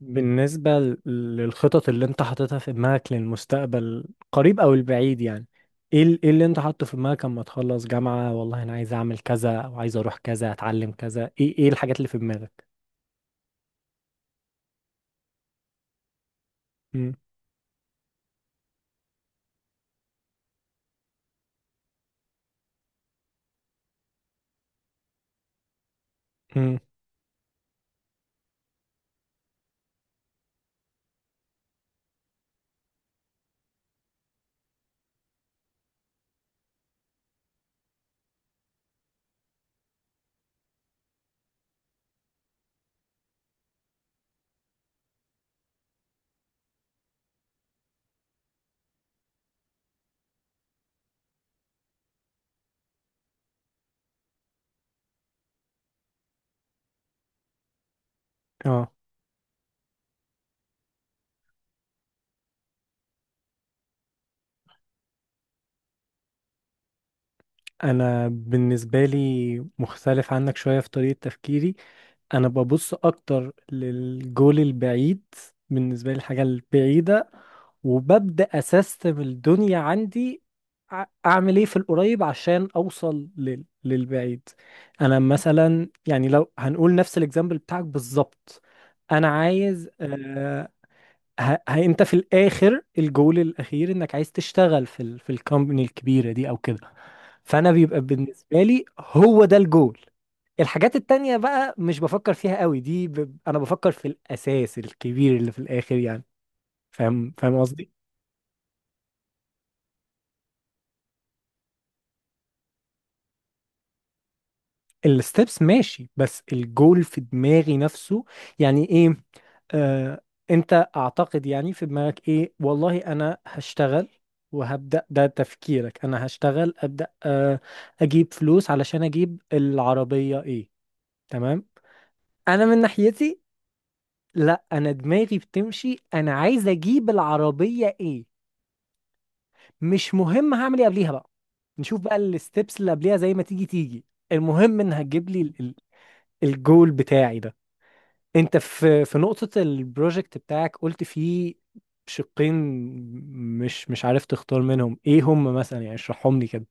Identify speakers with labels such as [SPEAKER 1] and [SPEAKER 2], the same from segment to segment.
[SPEAKER 1] بالنسبة للخطط اللي انت حاططها في دماغك للمستقبل قريب او البعيد يعني، ايه ايه اللي انت حاطه في دماغك اما تخلص جامعة. والله انا عايز اعمل كذا او عايز اروح كذا اتعلم كذا. ايه ايه الحاجات اللي في دماغك؟ امم امم اه انا بالنسبه لي مختلف عنك شويه في طريقه تفكيري. انا ببص اكتر للجول البعيد. بالنسبه لي الحاجه البعيده، وببدا اسيستم الدنيا عندي. اعمل ايه في القريب عشان اوصل للبعيد. انا مثلا يعني لو هنقول نفس الاكزامبل بتاعك بالظبط. انا عايز ه... انت في الاخر، الجول الاخير انك عايز تشتغل في في الكومباني الكبيره دي او كده. فانا بيبقى بالنسبه لي هو ده الجول. الحاجات التانية بقى مش بفكر فيها قوي، دي انا بفكر في الاساس الكبير اللي في الاخر يعني. فاهم قصدي. الستبس ماشي، بس الجول في دماغي نفسه. يعني ايه؟ آه، انت اعتقد يعني في دماغك ايه، والله انا هشتغل وهبدأ، ده تفكيرك. انا هشتغل ابدأ آه، اجيب فلوس علشان اجيب العربية، ايه، تمام. انا من ناحيتي لا، انا دماغي بتمشي، انا عايز اجيب العربية، ايه مش مهم هعمل ايه قبليها بقى. نشوف بقى الستبس اللي قبليها زي ما تيجي تيجي. المهم ان هتجيب لي الجول بتاعي ده. انت في في نقطة البروجكت بتاعك قلت فيه شقين مش عارف تختار منهم ايه هم، مثلا يعني اشرحهم لي كده.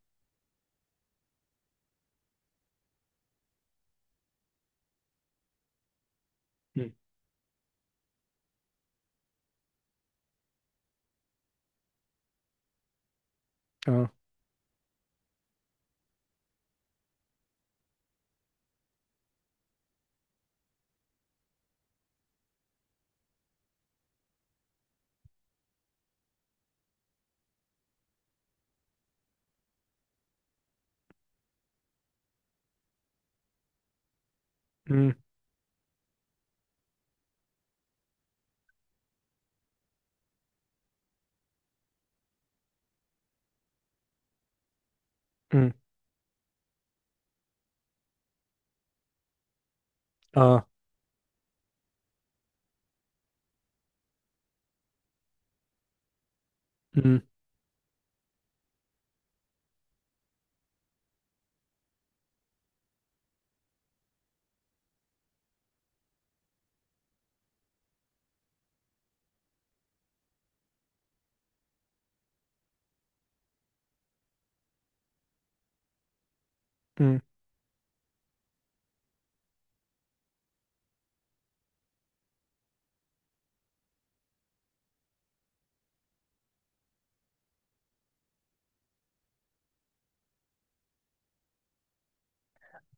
[SPEAKER 1] مم. اه امم امم اه امم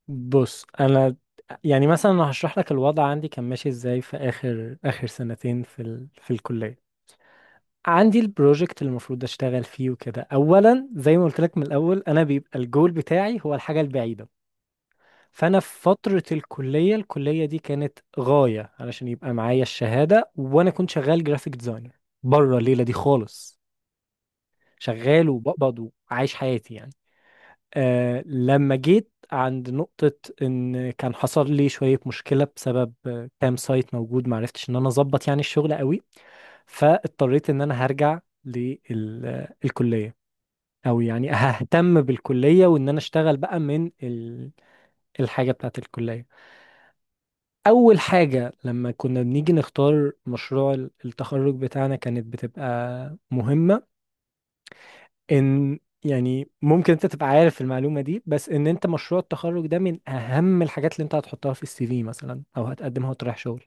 [SPEAKER 1] بص انا، يعني مثلا انا هشرح لك الوضع عندي كان ماشي ازاي في اخر سنتين في في الكليه. عندي البروجكت اللي المفروض اشتغل فيه وكده، اولا زي ما قلت لك من الاول، انا بيبقى الجول بتاعي هو الحاجه البعيده. فانا في فتره الكليه، دي كانت غايه علشان يبقى معايا الشهاده، وانا كنت شغال جرافيك ديزاينر بره الليله دي خالص. شغال وبقبض وعايش حياتي يعني. آه لما جيت عند نقطة، إن كان حصل لي شوية مشكلة بسبب كام سايت موجود معرفتش إن أنا أظبط يعني الشغل قوي، فاضطريت إن أنا هرجع للكلية، أو يعني ههتم بالكلية وإن أنا أشتغل بقى من الحاجة بتاعة الكلية. أول حاجة لما كنا بنيجي نختار مشروع التخرج بتاعنا كانت بتبقى مهمة، ان يعني ممكن انت تبقى عارف المعلومة دي، بس ان انت مشروع التخرج ده من اهم الحاجات اللي انت هتحطها في السي في مثلا او هتقدمها وتروح شغل.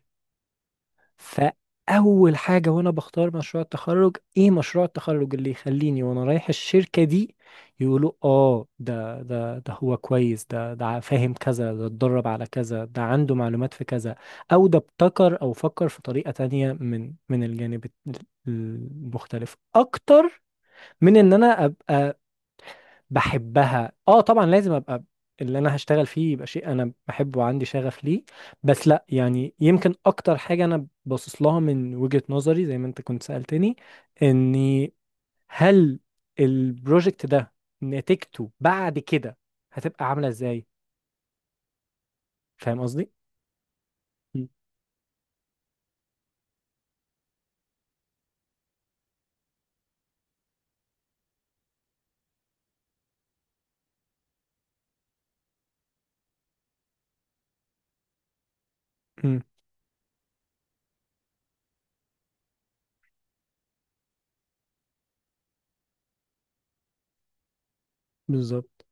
[SPEAKER 1] فاول حاجة وانا بختار مشروع التخرج، ايه مشروع التخرج اللي يخليني وانا رايح الشركة دي يقولوا اه ده ده ده هو كويس، ده ده فاهم كذا، ده اتدرب على كذا، ده عنده معلومات في كذا، او ده ابتكر او فكر في طريقة تانية من الجانب المختلف اكتر. من ان انا ابقى بحبها، اه طبعا لازم ابقى اللي انا هشتغل فيه يبقى شيء انا بحبه وعندي شغف ليه، بس لا يعني يمكن اكتر حاجة انا باصص لها من وجهة نظري زي ما انت كنت سألتني، اني هل البروجكت ده نتيجته بعد كده هتبقى عاملة ازاي. فاهم قصدي؟ م- م، بالظبط.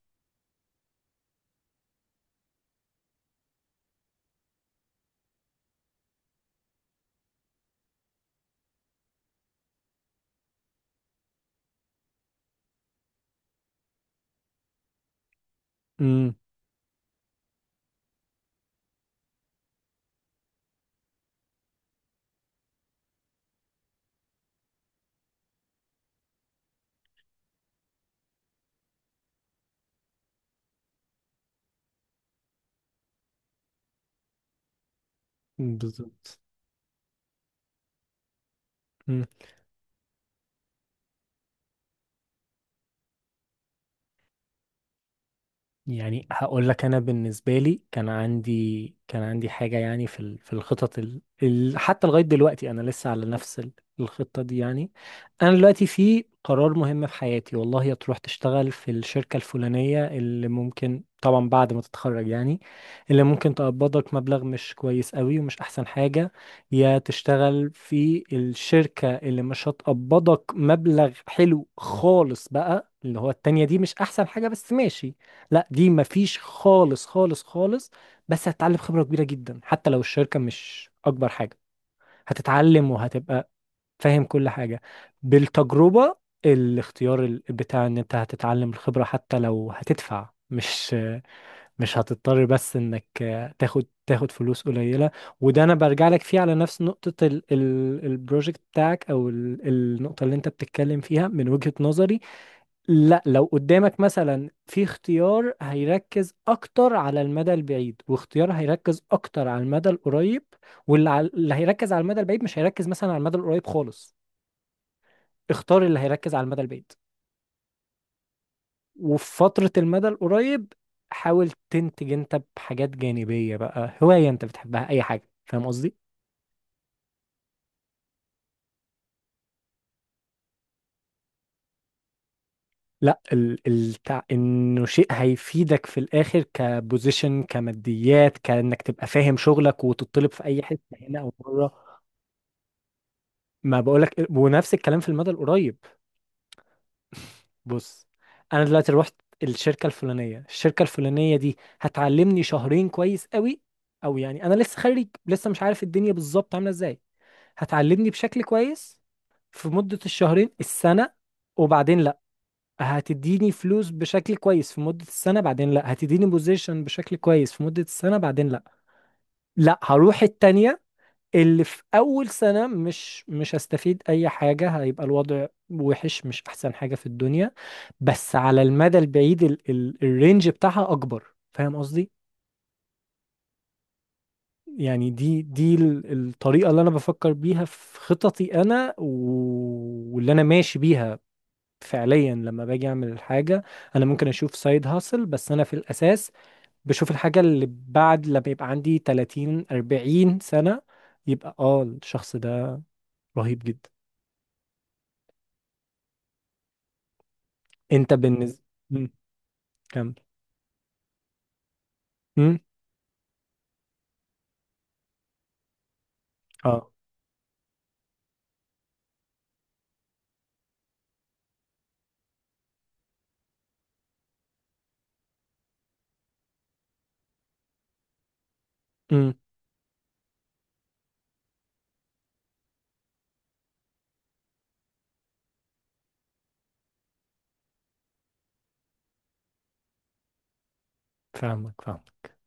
[SPEAKER 1] م، بالظبط. يعني هقول لك، انا بالنسبه لي كان عندي، كان عندي حاجه يعني في في الخطط حتى لغايه دلوقتي انا لسه على نفس الخطه دي يعني. انا دلوقتي في قرار مهم في حياتي، والله يا تروح تشتغل في الشركه الفلانيه اللي ممكن طبعا بعد ما تتخرج يعني، اللي ممكن تقبضك مبلغ مش كويس قوي ومش احسن حاجه، يا تشتغل في الشركه اللي مش هتقبضك مبلغ حلو خالص بقى، اللي هو التانية دي مش احسن حاجه بس ماشي. لا دي مفيش خالص خالص خالص، بس هتتعلم خبرة كبيرة جدا حتى لو الشركة مش أكبر حاجة. هتتعلم وهتبقى فاهم كل حاجة بالتجربة. الاختيار بتاع ان انت هتتعلم الخبرة حتى لو هتدفع، مش هتضطر بس انك تاخد فلوس قليلة. وده انا برجع لك فيه على نفس نقطة ال ال البروجكت بتاعك او النقطة اللي انت بتتكلم فيها. من وجهة نظري لا، لو قدامك مثلا في اختيار هيركز اكتر على المدى البعيد واختيار هيركز اكتر على المدى القريب، اللي هيركز على المدى البعيد مش هيركز مثلا على المدى القريب خالص، اختار اللي هيركز على المدى البعيد. وفي فترة المدى القريب حاول تنتج انت بحاجات جانبية بقى، هواية انت بتحبها، اي حاجة. فاهم قصدي؟ لا ال ال انه شيء هيفيدك في الاخر، كبوزيشن، كماديات، كانك تبقى فاهم شغلك وتطلب في اي حتة هنا او بره. ما بقولك، ونفس الكلام في المدى القريب. بص انا دلوقتي رحت الشركه الفلانيه، دي هتعلمني شهرين كويس قوي، او يعني انا لسه خريج لسه مش عارف الدنيا بالظبط عامله ازاي، هتعلمني بشكل كويس في مده الشهرين السنه. وبعدين لا، هتديني فلوس بشكل كويس في مده السنه، بعدين لا هتديني بوزيشن بشكل كويس في مده السنه، بعدين لا، لا هروح التانيه اللي في اول سنه مش هستفيد اي حاجه، هيبقى الوضع وحش، مش احسن حاجه في الدنيا، بس على المدى البعيد ال ال الرينج بتاعها اكبر. فاهم قصدي؟ يعني دي دي الطريقه اللي انا بفكر بيها في خططي انا، واللي انا ماشي بيها. فعليا لما باجي اعمل الحاجه انا ممكن اشوف سايد هاسل، بس انا في الاساس بشوف الحاجه اللي بعد، لما يبقى عندي 30 40 سنه يبقى اه الشخص ده رهيب جدا. انت بالنسبة، كمل. مم. اه مم. فاهمك فاهمك.